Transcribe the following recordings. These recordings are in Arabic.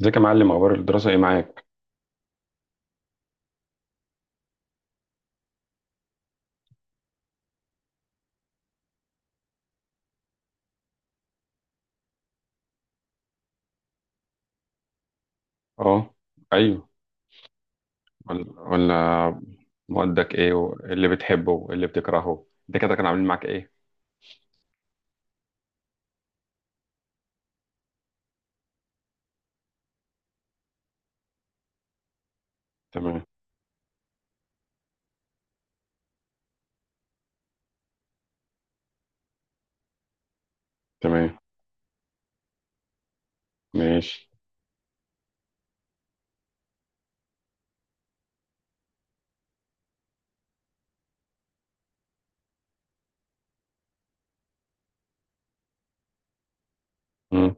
ازيك يا معلم اخبار الدراسة ايه معاك؟ اه. ايوه. ولا، ولا. مودك ايه وايه اللي بتحبه وايه اللي بتكرهه ده كده كانوا عاملين معاك ايه؟ تمام. تمام. ماشي. امم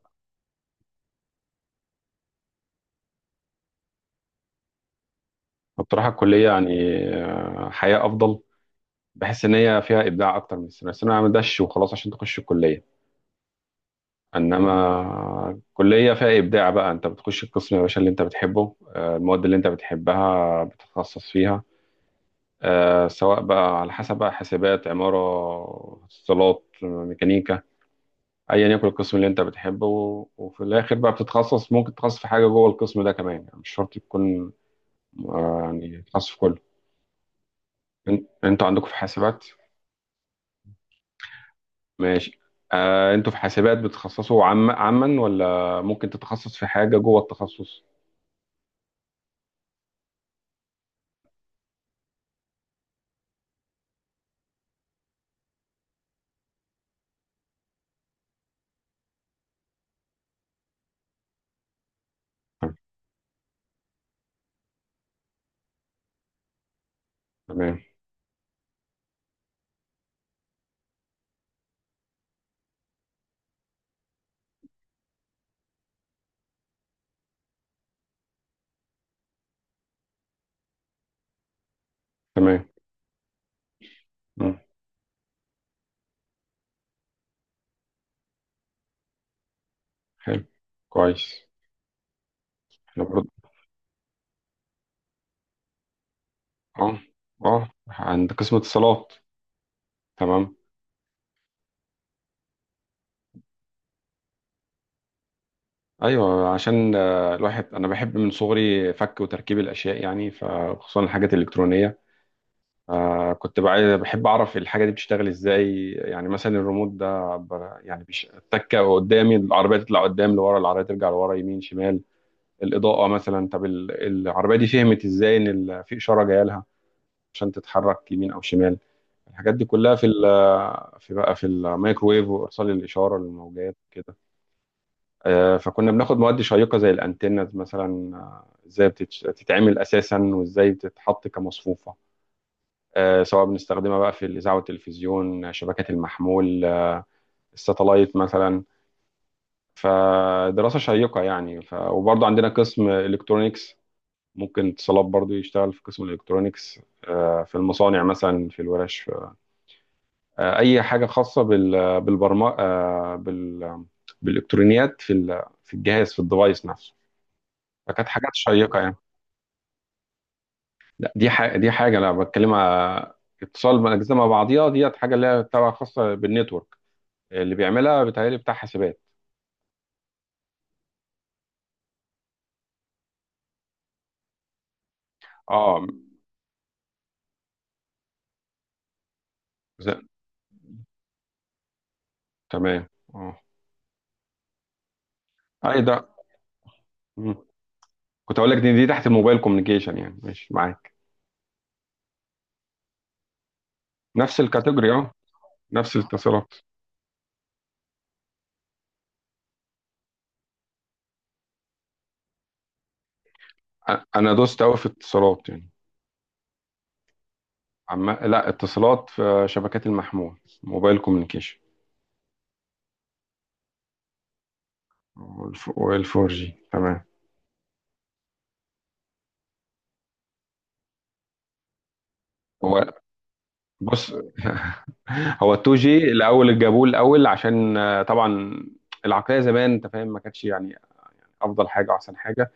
بصراحة الكلية يعني حياة افضل. بحس ان هي فيها ابداع اكتر من الثانوية. الثانوية ما دش وخلاص عشان تخش الكلية. انما الكلية فيها ابداع بقى، انت بتخش القسم يا باشا اللي انت بتحبه، المواد اللي انت بتحبها بتتخصص فيها، سواء بقى على حسب بقى حاسبات، عمارة، اتصالات، ميكانيكا، أيا يكن القسم اللي أنت بتحبه، وفي الآخر بقى بتتخصص، ممكن تتخصص في حاجة جوه القسم ده كمان، يعني مش شرط تكون يعني تخصص في كله. أنتوا عندكم في حاسبات. ماشي. أنتوا في حاسبات بتتخصصوا عما، ولا ممكن تتخصص في حاجة جوه التخصص؟ طيب، تمام. تمام. مم. حلو. كويس. احنا برضه، اه، اه، عند قسم اتصالات. تمام. ايوه، عشان الواحد انا بحب من صغري فك وتركيب الاشياء يعني، فخصوصا الحاجات الالكترونيه. بحب اعرف الحاجه دي بتشتغل ازاي، يعني مثلا الريموت ده يعني التكه قدامي العربيه تطلع قدام، لورا العربيه ترجع لورا، يمين، شمال، الاضاءه مثلا. طب العربيه دي فهمت ازاي ان في اشاره جايه لها عشان تتحرك يمين او شمال؟ الحاجات دي كلها في ال في بقى في الميكروويف وارسال الاشاره للموجات كده. فكنا بناخد مواد شيقة زي الأنتنز مثلا، ازاي بتتعمل أساسا وازاي بتتحط كمصفوفة، سواء بنستخدمها بقى في الإذاعة والتلفزيون، شبكات المحمول، الساتلايت مثلا. فدراسة شيقة يعني، وبرضه عندنا قسم إلكترونيكس، ممكن اتصالات برضه يشتغل في قسم الإلكترونيكس، في المصانع مثلا، في الورش، أي حاجة خاصة بالبرمجة، بال... بالإلكترونيات في الجهاز، في الديفايس نفسه. فكانت حاجات شيقة يعني. لا، دي حاجة، دي حاجة أنا بتكلمها، اتصال من أجزاء مع بعضيها. ديت حاجة اللي هي تبع خاصة بالنتورك، اللي بيعملها بيتهيألي بتاع حاسبات. اه. ز- تمام. اه. أي ده. مم. كنت أقول لك دي, تحت الموبايل كوميونيكيشن، يعني ماشي معاك. نفس الكاتيجوري، اه، نفس الاتصالات. أنا دوست أوي في اتصالات يعني، لا اتصالات في شبكات المحمول، موبايل كوميونيكيشن. والفور جي. تمام. بص، هو 2G الاول اللي جابوه الاول، عشان طبعا العقليه زمان انت فاهم، ما كانتش يعني افضل حاجه واحسن حاجه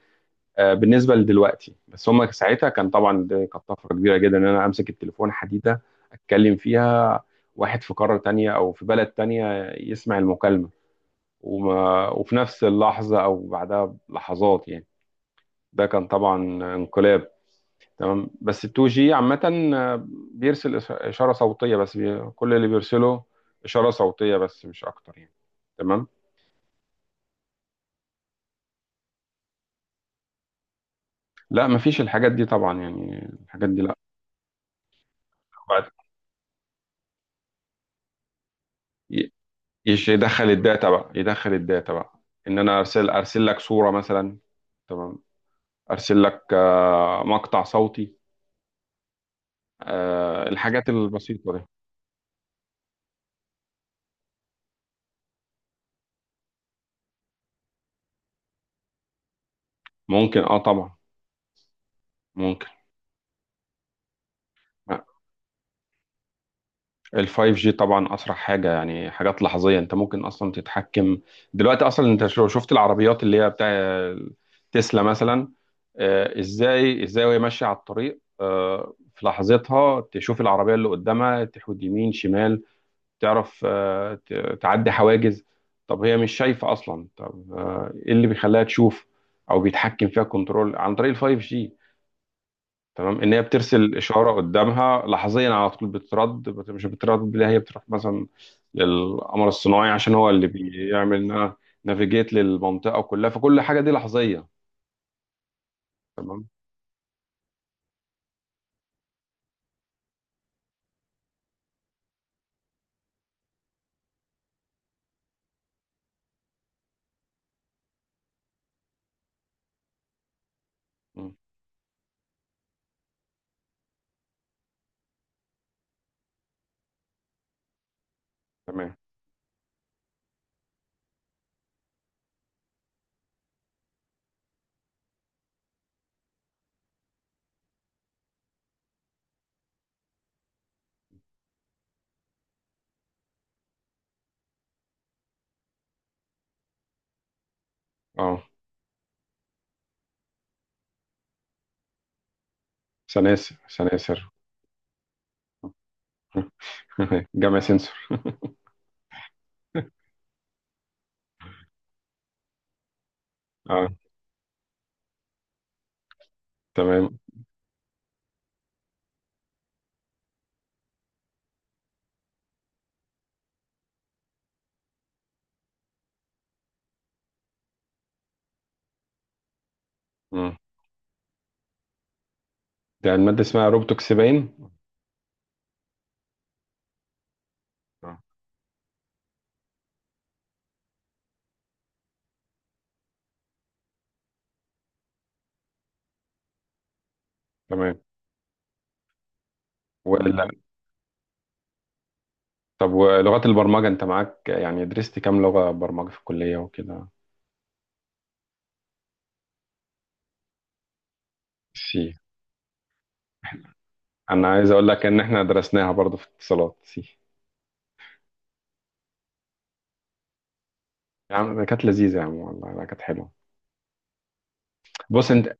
بالنسبه لدلوقتي، بس هم ساعتها كان طبعا دي كانت طفره كبيره جدا ان انا امسك التليفون حديده اتكلم فيها، واحد في قاره تانية او في بلد تانية يسمع المكالمه، وما، وفي نفس اللحظه او بعدها بلحظات يعني. ده كان طبعا انقلاب. تمام. بس ال 2 جي عامة بيرسل إشارة صوتية بس، كل اللي بيرسله إشارة صوتية بس، مش أكتر يعني. تمام. لا، مفيش الحاجات دي طبعا، يعني الحاجات دي لا. بعد ي- يدخل الداتا بقى، يدخل الداتا بقى، إن أنا أرسل لك صورة مثلا. تمام. أرسل لك مقطع صوتي، الحاجات البسيطة دي. ممكن، أه، طبعا ممكن. الفايف جي طبعا اسرع حاجه يعني، حاجات لحظيه، انت ممكن اصلا تتحكم. دلوقتي اصلا انت لو شفت العربيات اللي هي بتاع تسلا مثلا، ازاي، ازاي وهي ماشيه على الطريق في لحظتها تشوف العربيه اللي قدامها تحود يمين شمال، تعرف، تعدي حواجز. طب هي مش شايفه اصلا، طب ايه اللي بيخليها تشوف او بيتحكم فيها كنترول؟ عن طريق الفايف جي. تمام، ان هي بترسل اشاره قدامها لحظيا على طول، مش بترد، لا هي بتروح مثلا للقمر الصناعي عشان هو اللي بيعمل نافيجيت للمنطقه كلها، فكل حاجه دي لحظيه. تمام. مم. تمام. اه. سلاسل، سلاسل. جمع سنسور. اه. تمام. مم. ده الماده اسمها روبتوكس باين. آه. تمام. ولا. طب ولغات البرمجه انت معاك؟ يعني درست كام لغه برمجه في الكليه وكده؟ سي. انا عايز اقول لك ان احنا درسناها برضو في اتصالات، سي. يا عم كانت لذيذه، يا عم والله لا كانت حلوه. بص انت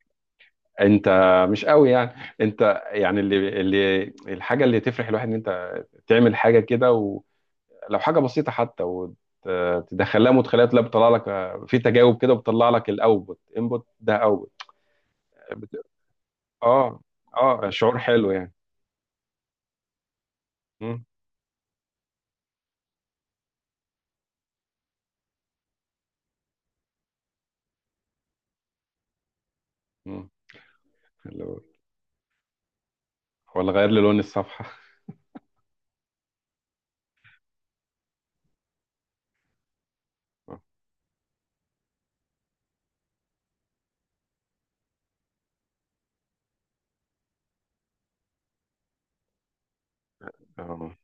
انت مش قوي يعني، انت يعني اللي الحاجه اللي تفرح الواحد ان انت تعمل حاجه كده، ولو حاجه بسيطه حتى، وتدخلها مدخلات لا بتطلع لك في تجاوب كده، بتطلع لك الاوتبوت، انبوت ده اوتبوت. بت- اه، اه، شعور حلو يعني. مم. مم. حلو. ولا غير لي لون الصفحه. اه.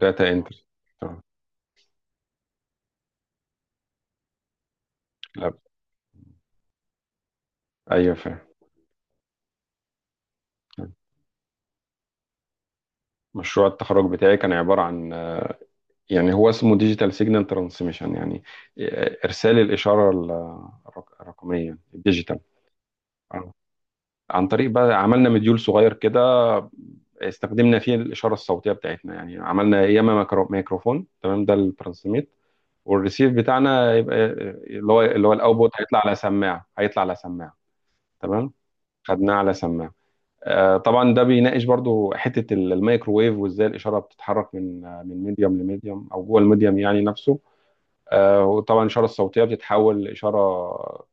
داتا انتر. اه. لا. ايوه فاهم. مشروع التخرج بتاعي كان عبارة عن، يعني هو اسمه ديجيتال سيجنال ترانسميشن، يعني إرسال الإشارة الرقمية، الديجيتال. آه. عن طريق بقى عملنا مديول صغير كده، استخدمنا فيه الإشارة الصوتية بتاعتنا، يعني عملنا ياما ميكروفون، تمام، ده الترانسميت، والريسيف بتاعنا يبقى اللي هو الأوتبوت هيطلع على سماعة تمام، خدناه على سماعة. طبعا ده بيناقش برضو حته الميكروويف، وازاي الاشاره بتتحرك من من ميديوم لميديوم او جوه الميديوم يعني نفسه. وطبعا الاشاره الصوتيه بتتحول لاشاره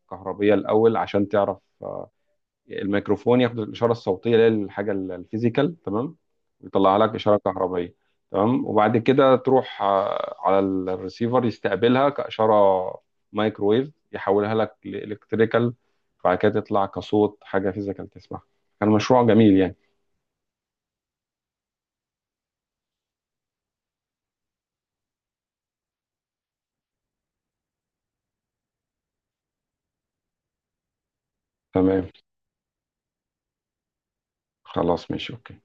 كهربيه الاول، عشان تعرف الميكروفون ياخد الاشاره الصوتيه اللي هي الحاجه الفيزيكال، تمام، ويطلع لك اشاره كهربيه. تمام، وبعد كده تروح على الريسيفر يستقبلها كاشاره مايكروويف، يحولها لك لالكتريكال، وبعد كده تطلع كصوت، حاجه فيزيكال تسمعها. كان مشروع جميل يعني. تمام، خلاص ماشي، اوكي.